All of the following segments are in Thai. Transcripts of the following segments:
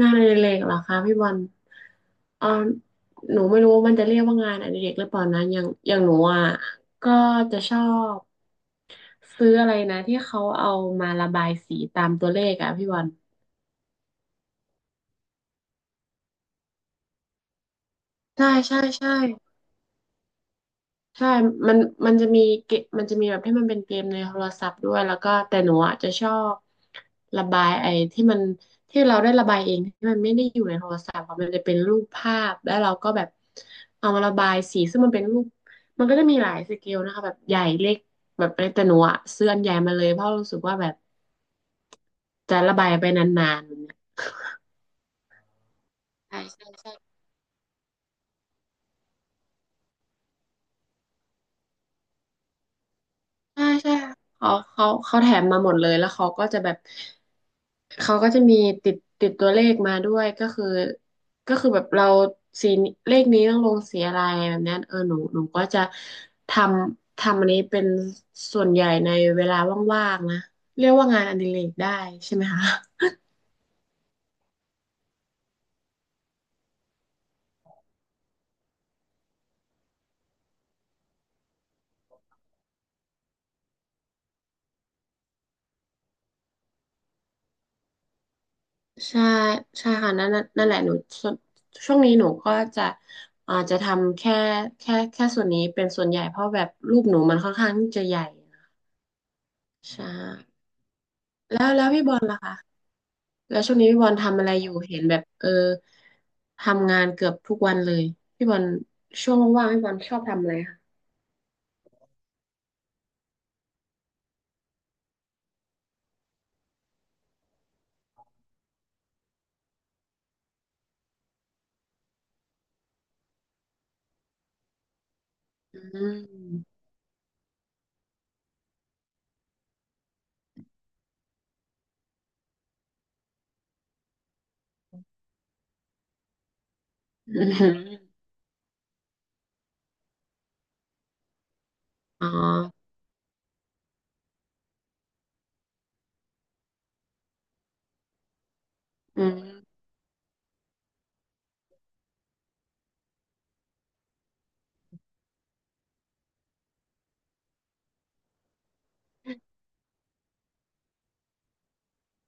งานอดิเรกเหรอคะพี่บอลเออหนูไม่รู้ว่ามันจะเรียกว่างานอดิเรกหรือเปล่านะอย่างหนูอ่ะก็จะชอบซื้ออะไรนะที่เขาเอามาระบายสีตามตัวเลขอ่ะพี่บอลใช่ใช่ใช่ ใช่มันมันจะมีเกมมันจะมีแบบที่มันเป็นเกมในโทรศัพท์ด้วยแล้วก็แต่หนูอ่ะจะชอบระบายไอ้ที่มันที่เราได้ระบายเองที่มันไม่ได้อยู่ในโทรศัพท์อะมันจะเป็นรูปภาพแล้วเราก็แบบเอามาระบายสีซึ่งมันเป็นรูปมันก็จะมีหลายสเกลนะคะแบบใหญ่เล็กแบบอะไรแต่หนูอ่ะซื้ออันใหญ่มาเลยเพราะรู้สึกว่าแบบจะระบายไปนานๆแบบเนี้ยใช่ใช่ใช่ใช่ใช่เขาแถมมาหมดเลยแล้วเขาก็จะแบบ เขาก็จะมีติดตัวเลขมาด้วยก็คือแบบเราสีเลขนี้ต้องลงสีอะไรแบบเนี้ยเออหนูก็จะททำอันนี้เป็นส่วนใหญ่ในเวลาว่างๆนะเรียกว่างานอดิเรกได้ใช่ไหมคะ ใช่ใช่ค่ะนั่นน่ะนั่นแหละหนูส่วนช่วงนี้หนูก็จะอ่าจะทำแค่ส่วนนี้เป็นส่วนใหญ่เพราะแบบรูปหนูมันค่อนข้างที่จะใหญ่ใช่แล้วพี่บอลล่ะคะ แล้วช่วงนี้พี่บอลทำอะไรอยู่เห็นแบบเออทำงานเกือบทุกวันเลยพี่บอลช่วงว่างๆพี่บอลชอบทำอะไรคะอืมอืมอ๋ออืม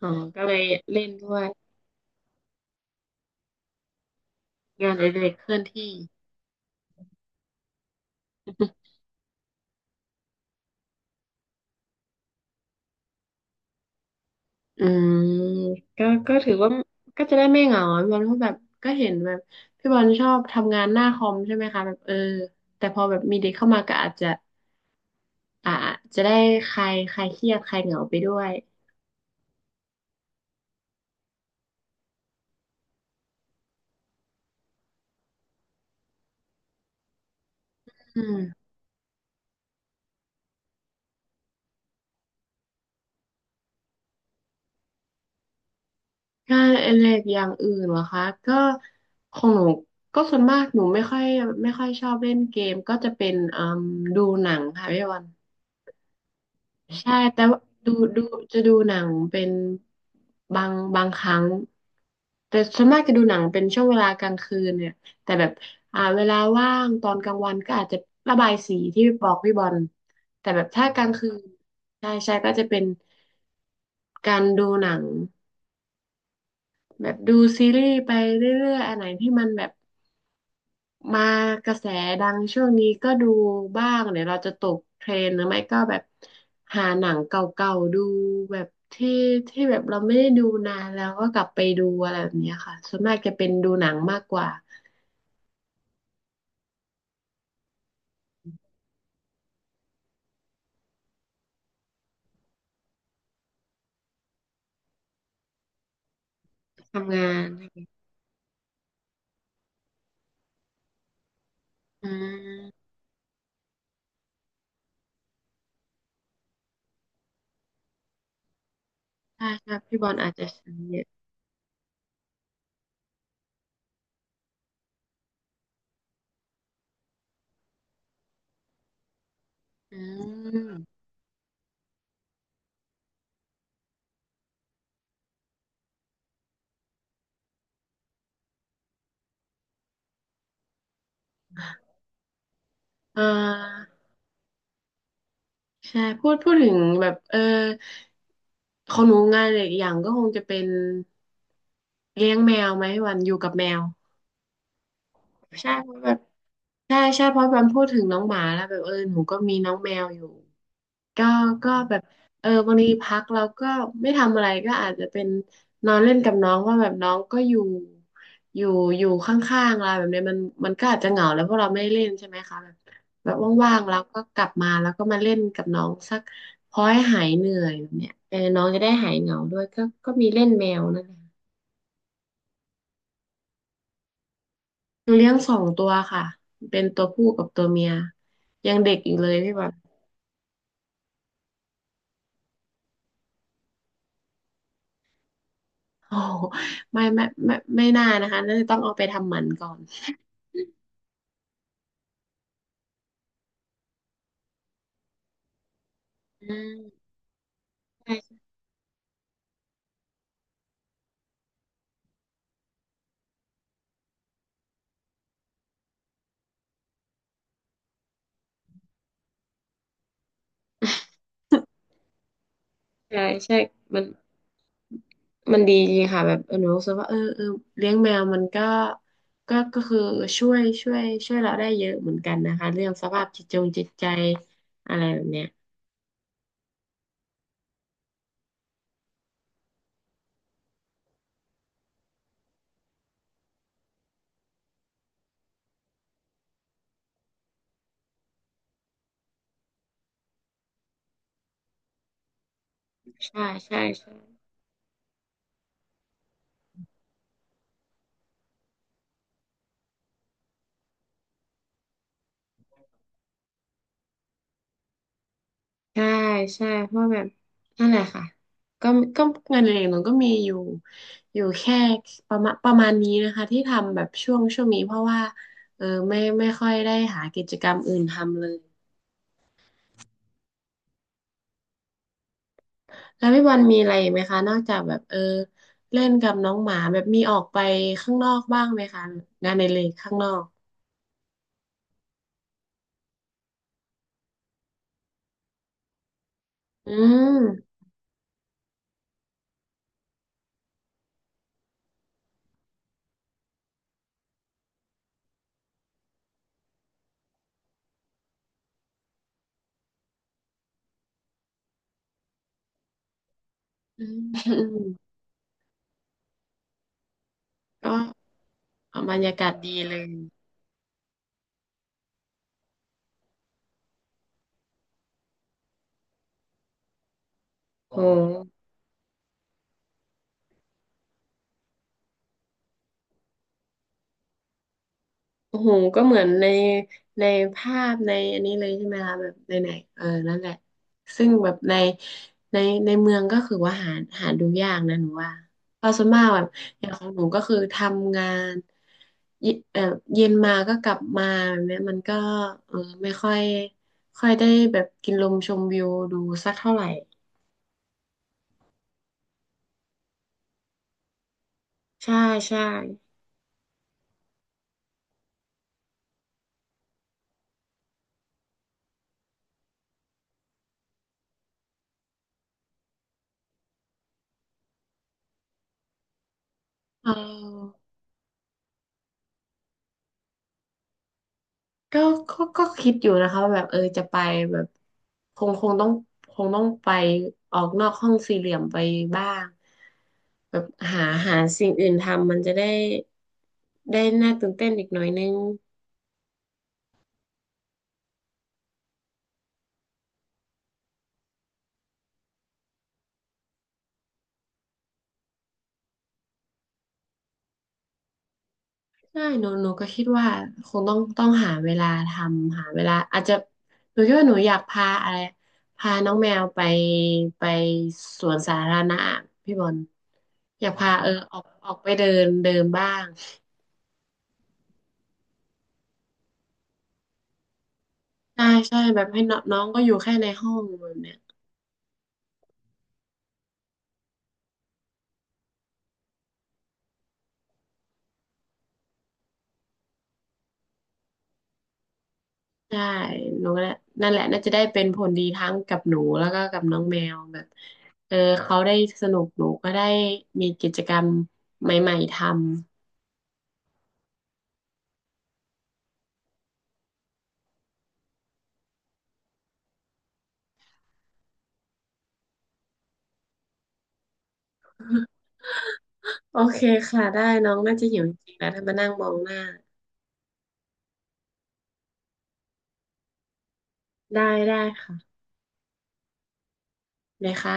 อ๋อก็เลยเล่นด้วยงานอดิเรกเคลื่อนที่ อืมก็ถือว่าก็จะได้ไม่เหงาพี่บอลก็แบบก็เห็นแบบพี่บอลชอบทำงานหน้าคอมใช่ไหมคะแบบเออแต่พอแบบมีเด็กเข้ามาก็อาจจะอ่าจะได้คลายคลายเครียดคลายเหงาไปด้วยอืม งานอดิเรกอย่างอื่นเหรอคะก็ของหนูก็ส่วนมากหนูไม่ค่อยชอบเล่นเกมก็จะเป็นอืมดูหนังค่ะพี่วันใช่แต่ว่าดูดูจะดูหนังเป็นบางครั้งแต่ส่วนมากจะดูหนังเป็นช่วงเวลากลางคืนเนี่ยแต่แบบอ่าเวลาว่างตอนกลางวันก็อาจจะระบายสีที่บอกพี่บอลแต่แบบถ้ากลางคืนใช่ใช่ก็จะเป็นการดูหนัง แบบดูซีรีส์ไปเรื่อยๆอันไหนที่มันแบบมากระแสดังช่วงนี้ก็ดูบ้างเดี๋ยวเราจะตกเทรนด์หรือไม่ก็แบบหาหนังเก่าๆดูแบบที่ที่แบบเราไม่ได้ดูนานแล้วก็กลับไปดูอะไรแบบเนี้ยค่ะส่วนมากจะเป็นดูหนังมากกว่าทำงานอืมใช่ใช่พี่บอลอาจจะใช้เยอะอืมอ่าใช่พูดถึงแบบเออของหนูงานอีกอย่างก็คงจะเป็น เลี้ยงแมวไหมวันอยู่กับแมวใช่เพราะแบบใช่ใช่เพราะวันพูดถึงน้องหมาแล้วแบบเออหนูก็มีน้องแมวอยู่ก็ก็แบบเออบางทีพักเราก็ไม่ทำอะไรก็อาจจะเป็นนอนเล่นกับน้องว่าแบบน้องก็อยู่อยู่ข้างๆเราแบบเนี้ยมันก็อาจจะเหงาแล้วเพราะเราไม่ได้เล่นใช่ไหมคะแบบแบบว่างๆเราก็กลับมาแล้วก็มาเล่นกับน้องสักพอให้หายเหนื่อยแบบเนี้ยเออน้องจะได้หายเหงาด้วยก็ก็มีเล่นแมวนะคะ เลี้ยงสองตัวค่ะเป็นตัวผู้กับตัวเมียยังเด็กอยู่เลยพี่แบบโอ้โหไม่ไม่ไม่ไม่น่านะคะน่าจะต้องเอาไปทำหมันก่อนอืมใช่ใช่ใช่มันมันดีจริงค่ะแบบเออหนูรู้สึกว่าเออเออเลี้ยงแมวมันก็ก็คือช่วยเราได้เยอะเหมือนกันนะคะเรื่องสภาพจิตจงจิตใจอะไรแบบเนี้ยใช่ใช่ใช่ ใช่ใช่เพราะแบบนั่นแหละค่ะก็ก็งานอดิเรกหนูก็มีอยู่แค่ประมาณนี้นะคะที่ทำแบบช่วงนี้เพราะว่าเออไม่ค่อยได้หากิจกรรมอื่นทำเลยแล้วพี่บอลมีอะไรอีกไหมคะนอกจากแบบเออเล่นกับน้องหมาแบบมีออกไปข้างนอกบ้างไหมคะงานในเรกข้างนอกอืมอืม อืมก็บรรยากาศดีเลยโอ้ โอ้โห ก็เหมือนในภาพในอันนี้เลยใช่ไหมคะแบบในไหนเออนั่นแหละซึ่งแบบในในในเมืองก็คือว่าหาดูยากนะหนูว่าเพราะส่วนมากแบบอย่างของหนูก็คือทำงานเยเออเย็นมาก็กลับมาแบบเนี้ยมันก็เออไม่ค่อยค่อยได้แบบกินลมชมวิวดูสักเท่าไหร่ใช่ใช่เออ ก็ก็คิดอยู่นะคะว่าแบบเออจะไปแบบคงคงต้องคงต้องไปออกนอกห้องสี่เหลี่ยมไปบ้างแบบหาหาสิ่งอื่นทำมันจะได้ได้น่าตื่นเต้นอีกหน่อยนึงใช่หนูก็คิดว่าคงต้องหาเวลาทำหาเวลาอาจจะหนูคิดว่าหนูอยากพาอะไรพาน้องแมวไปสวนสาธารณะพี่บอลอยากพาเออออกไปเดินเดินบ้าง ใช่ใช่แบบให้น้องน้องก็อยู่แค่ในห้องแบบเนี้ยใช่หนูก็น่ะนั่นแหละน่าจะได้เป็นผลดีทั้งกับหนูแล้วก็กับน้องแมวแบบเออเขาได้สนุกหนูก็ได้มีกิจกรรมใหม่ๆทำโอเคค่ะได้น้องน่าจะหิวจริงๆแล้วถ้ามานั่งมองหน้าได้ได้ค่ะเลยค่ะ